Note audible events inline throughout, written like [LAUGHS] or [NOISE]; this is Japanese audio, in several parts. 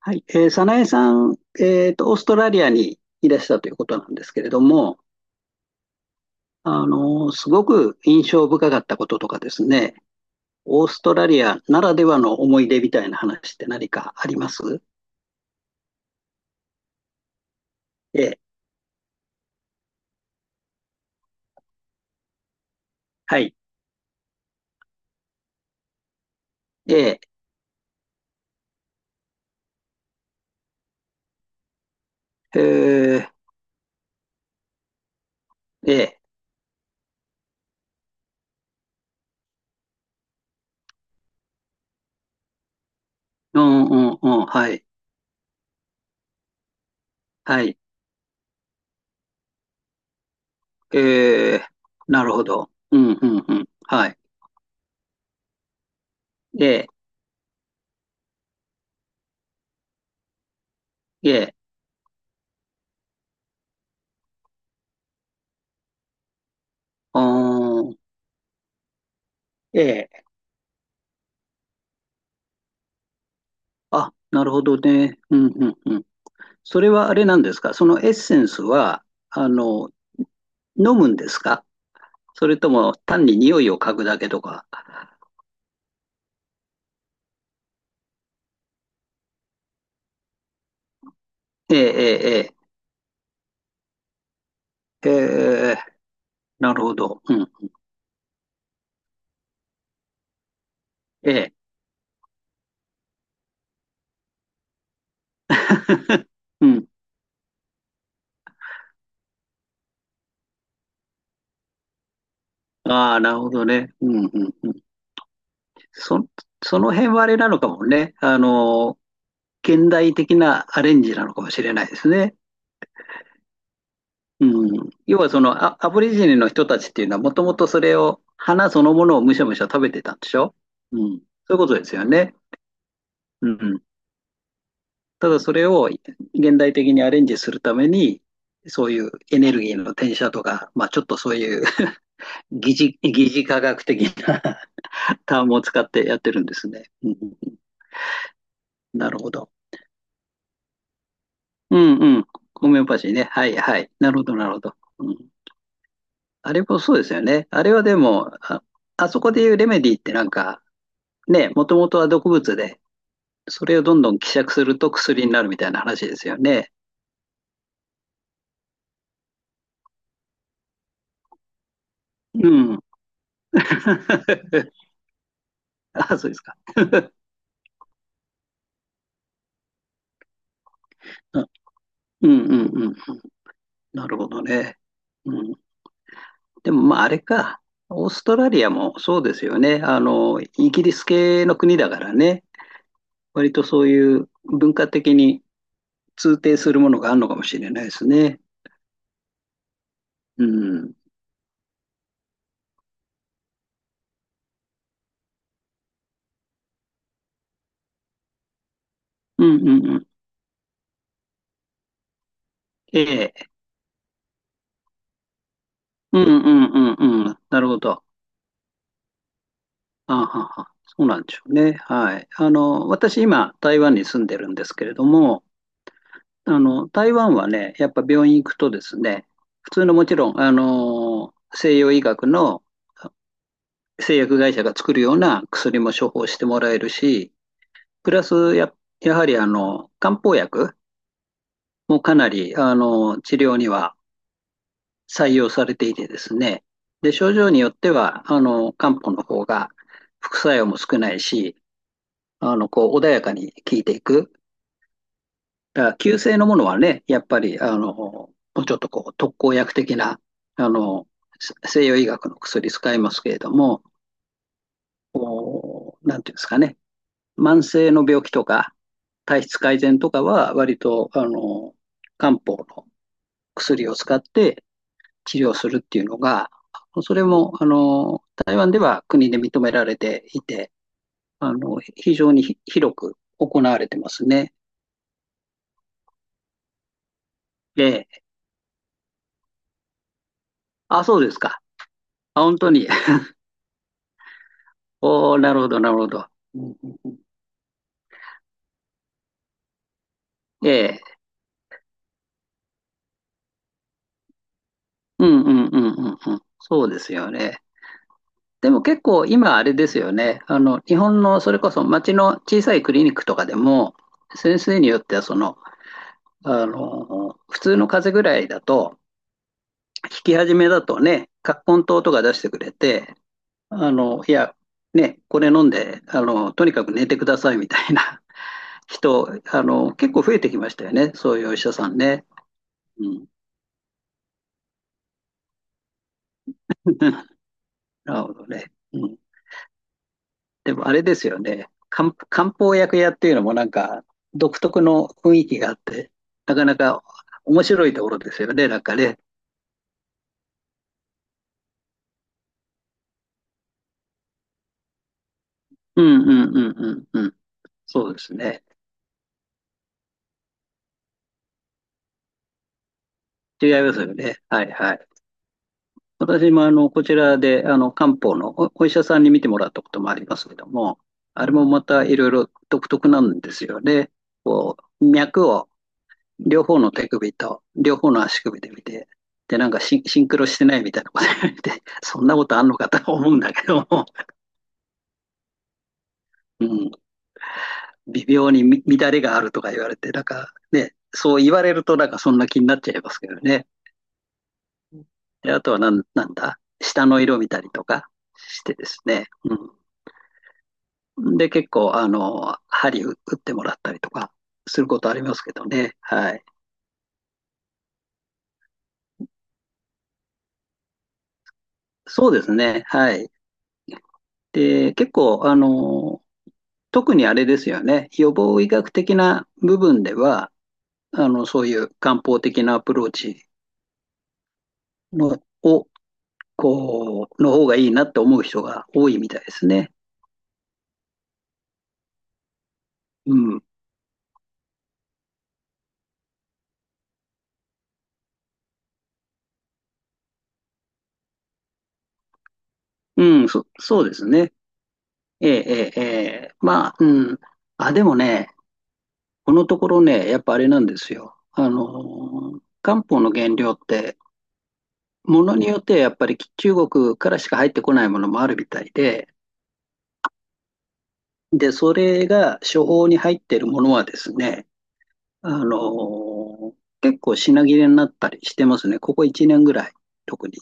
はい。早苗さん、オーストラリアにいらしたということなんですけれども、すごく印象深かったこととかですね、オーストラリアならではの思い出みたいな話って何かあります？ええ、はい。ええ、ええ、ええ、うんうんうん、はい、はい。ええ、なるほど。うんうんうん、はい。ええ、ええ、あー、ええ、あ、なるほどね。うんうんうん。それはあれなんですか、そのエッセンスは、あの、飲むんですか？それとも単に匂いを嗅ぐだけとか。ええ、ええ、ええ、ええ、なるほど。うん。ええ。[LAUGHS] うん。ああ、なるほどね。うんうんうん。そ、その辺はあれなのかもね。現代的なアレンジなのかもしれないですね。うん。要はそのアボリジニの人たちっていうのはもともとそれを、花そのものをむしゃむしゃ食べてたんでしょ？うん。そういうことですよね。うん。ただそれを現代的にアレンジするために、そういうエネルギーの転写とか、まあ、ちょっとそういう [LAUGHS] 疑似、科学的な [LAUGHS] タームを使ってやってるんですね。うん。なるほど。うんうん。ホメオパシーね。はいはい。なるほど、なるほど。うん。あれもそうですよね。あれはでも、あそこでいうレメディってなんか、ね、もともとは毒物で、それをどんどん希釈すると薬になるみたいな話ですよね。うん。[LAUGHS] あ、そうですか。うんうんうんうん。なるほどね。うん、でも、まあ、あれか。オーストラリアもそうですよね。イギリス系の国だからね。割とそういう文化的に通底するものがあるのかもしれないですね。うん。うんうんうん。ええ。うんうんうんうん。なるほど。あはは。そうなんでしょうね。はい。私今、台湾に住んでるんですけれども、台湾はね、やっぱ病院行くとですね、普通のもちろん、西洋医学の製薬会社が作るような薬も処方してもらえるし、プラスやはり漢方薬もかなり、治療には採用されていてですね、で、症状によっては、漢方の方が副作用も少ないし、こう、穏やかに効いていく。だから、急性のものはね、やっぱり、もうちょっとこう、特効薬的な、あの、西洋医学の薬使いますけれども、なんていうんですかね、慢性の病気とか、体質改善とかは、割と、漢方の薬を使って治療するっていうのが、それも、台湾では国で認められていて、非常に広く行われてますね。で、あ、そうですか。あ、本当に。[LAUGHS] おー、なるほど、なるほど。ええ、うんうんうんうんうん。そうですよね。でも結構今あれですよね。日本のそれこそ町の小さいクリニックとかでも、先生によってはその、普通の風邪ぐらいだと、引き始めだとね、葛根湯とか出してくれて、いや、ね、これ飲んで、とにかく寝てくださいみたいな [LAUGHS] 人、結構増えてきましたよね。そういうお医者さんね。うん。[LAUGHS] なるほどね。うん。でもあれですよね。漢方薬屋っていうのもなんか独特の雰囲気があって、なかなか面白いところですよね、なんかね。うんうんうんうんうん。そうですね。違いますよね。はいはい。私もこちらで漢方のお医者さんに見てもらったこともありますけども、あれもまたいろいろ独特なんですよね。こう、脈を両方の手首と、両方の足首で見て、で、なんかシンクロしてないみたいなこと言われて、そんなことあんのかと思うんだけども、うん、微妙に乱れがあるとか言われて、なんかね、そう言われるとなんかそんな気になっちゃいますけどね。で、あとはなんだ、下の色見たりとかしてですね、うん。で、結構、針打ってもらったりとかすることありますけどね、はい。そうですね、はい。で、結構、特にあれですよね、予防医学的な部分では、そういう漢方的なアプローチの、を、こう、の方がいいなって思う人が多いみたいですね。うん。うん、そうですね。ええ、ええ、ええ。まあ、うん。あ、でもね、このところね、やっぱあれなんですよ。漢方の原料って、ものによってはやっぱり中国からしか入ってこないものもあるみたいで、で、それが処方に入っているものはですね、あの、結構品切れになったりしてますね。ここ1年ぐらい、特に。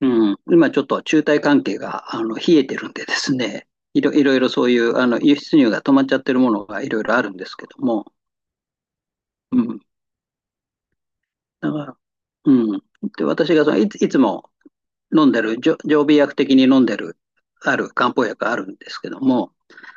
うん。今ちょっと中台関係が、冷えてるんでですね、いろいろそういう、輸出入が止まっちゃってるものがいろいろあるんですけども、うん。だから、うん。で、私がその、いつも飲んでる、常備薬的に飲んでる、ある漢方薬があるんですけども、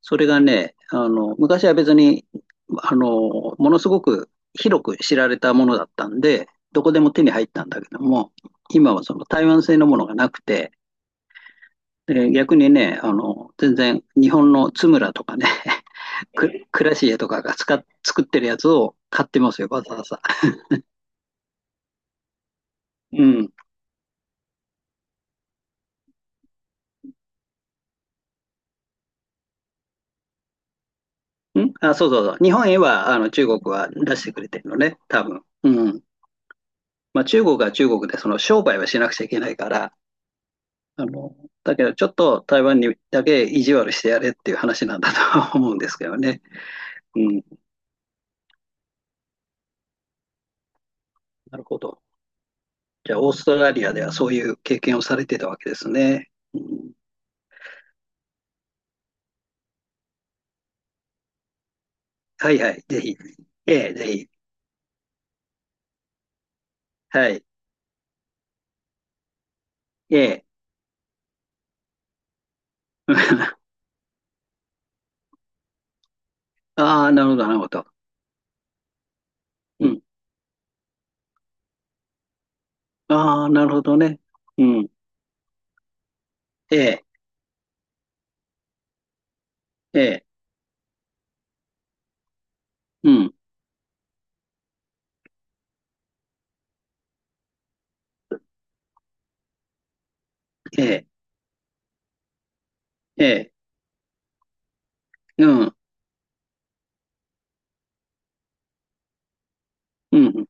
それがね、昔は別に、あの、ものすごく広く知られたものだったんで、どこでも手に入ったんだけども、今はその台湾製のものがなくて、で逆にね、全然日本の津村とかね、[LAUGHS] くシエとかが作ってるやつを買ってますよ、わざわざ。うん。そうそうそう。日本へは、中国は出してくれてるのね、多分。うん。まあ、中国は中国で、その商売はしなくちゃいけないから、あの、だけどちょっと台湾にだけ意地悪してやれっていう話なんだとは思うんですけどね。うん、なるほど。じゃあ、オーストラリアではそういう経験をされてたわけですね。うん、はいはい、ぜひ。ええ、ぜひ。はい、ええ。[LAUGHS] ああ、なるほど、なるほど。うん。ああ、なるほどね。うん。ええ、ええ、うん。ええ、ええ、うん。うん。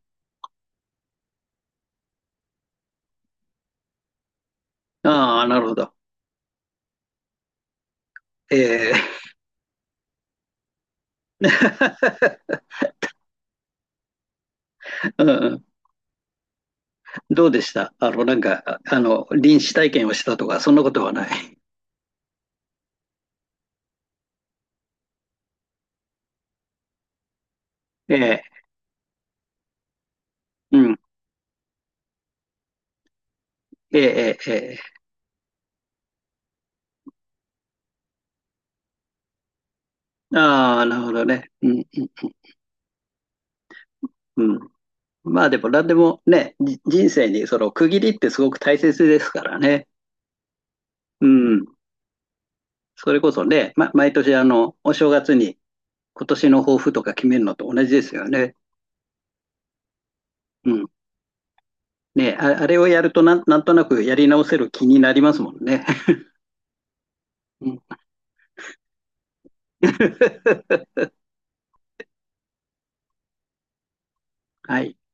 ああ、なるほど。ええ。[LAUGHS] うん。どうでした？なんか、臨死体験をしたとか、そんなことはない？[LAUGHS] ええ、うん、ええ、ええ、ええ。ああ、なるほどね。うん、うん、うん。まあでも、なんでもね、人生にその区切りってすごく大切ですからね。うん。それこそね、毎年お正月に今年の抱負とか決めるのと同じですよね。うん。ね、あれをやるとなんとなくやり直せる気になりますもんね。[LAUGHS] うん [LAUGHS] はい。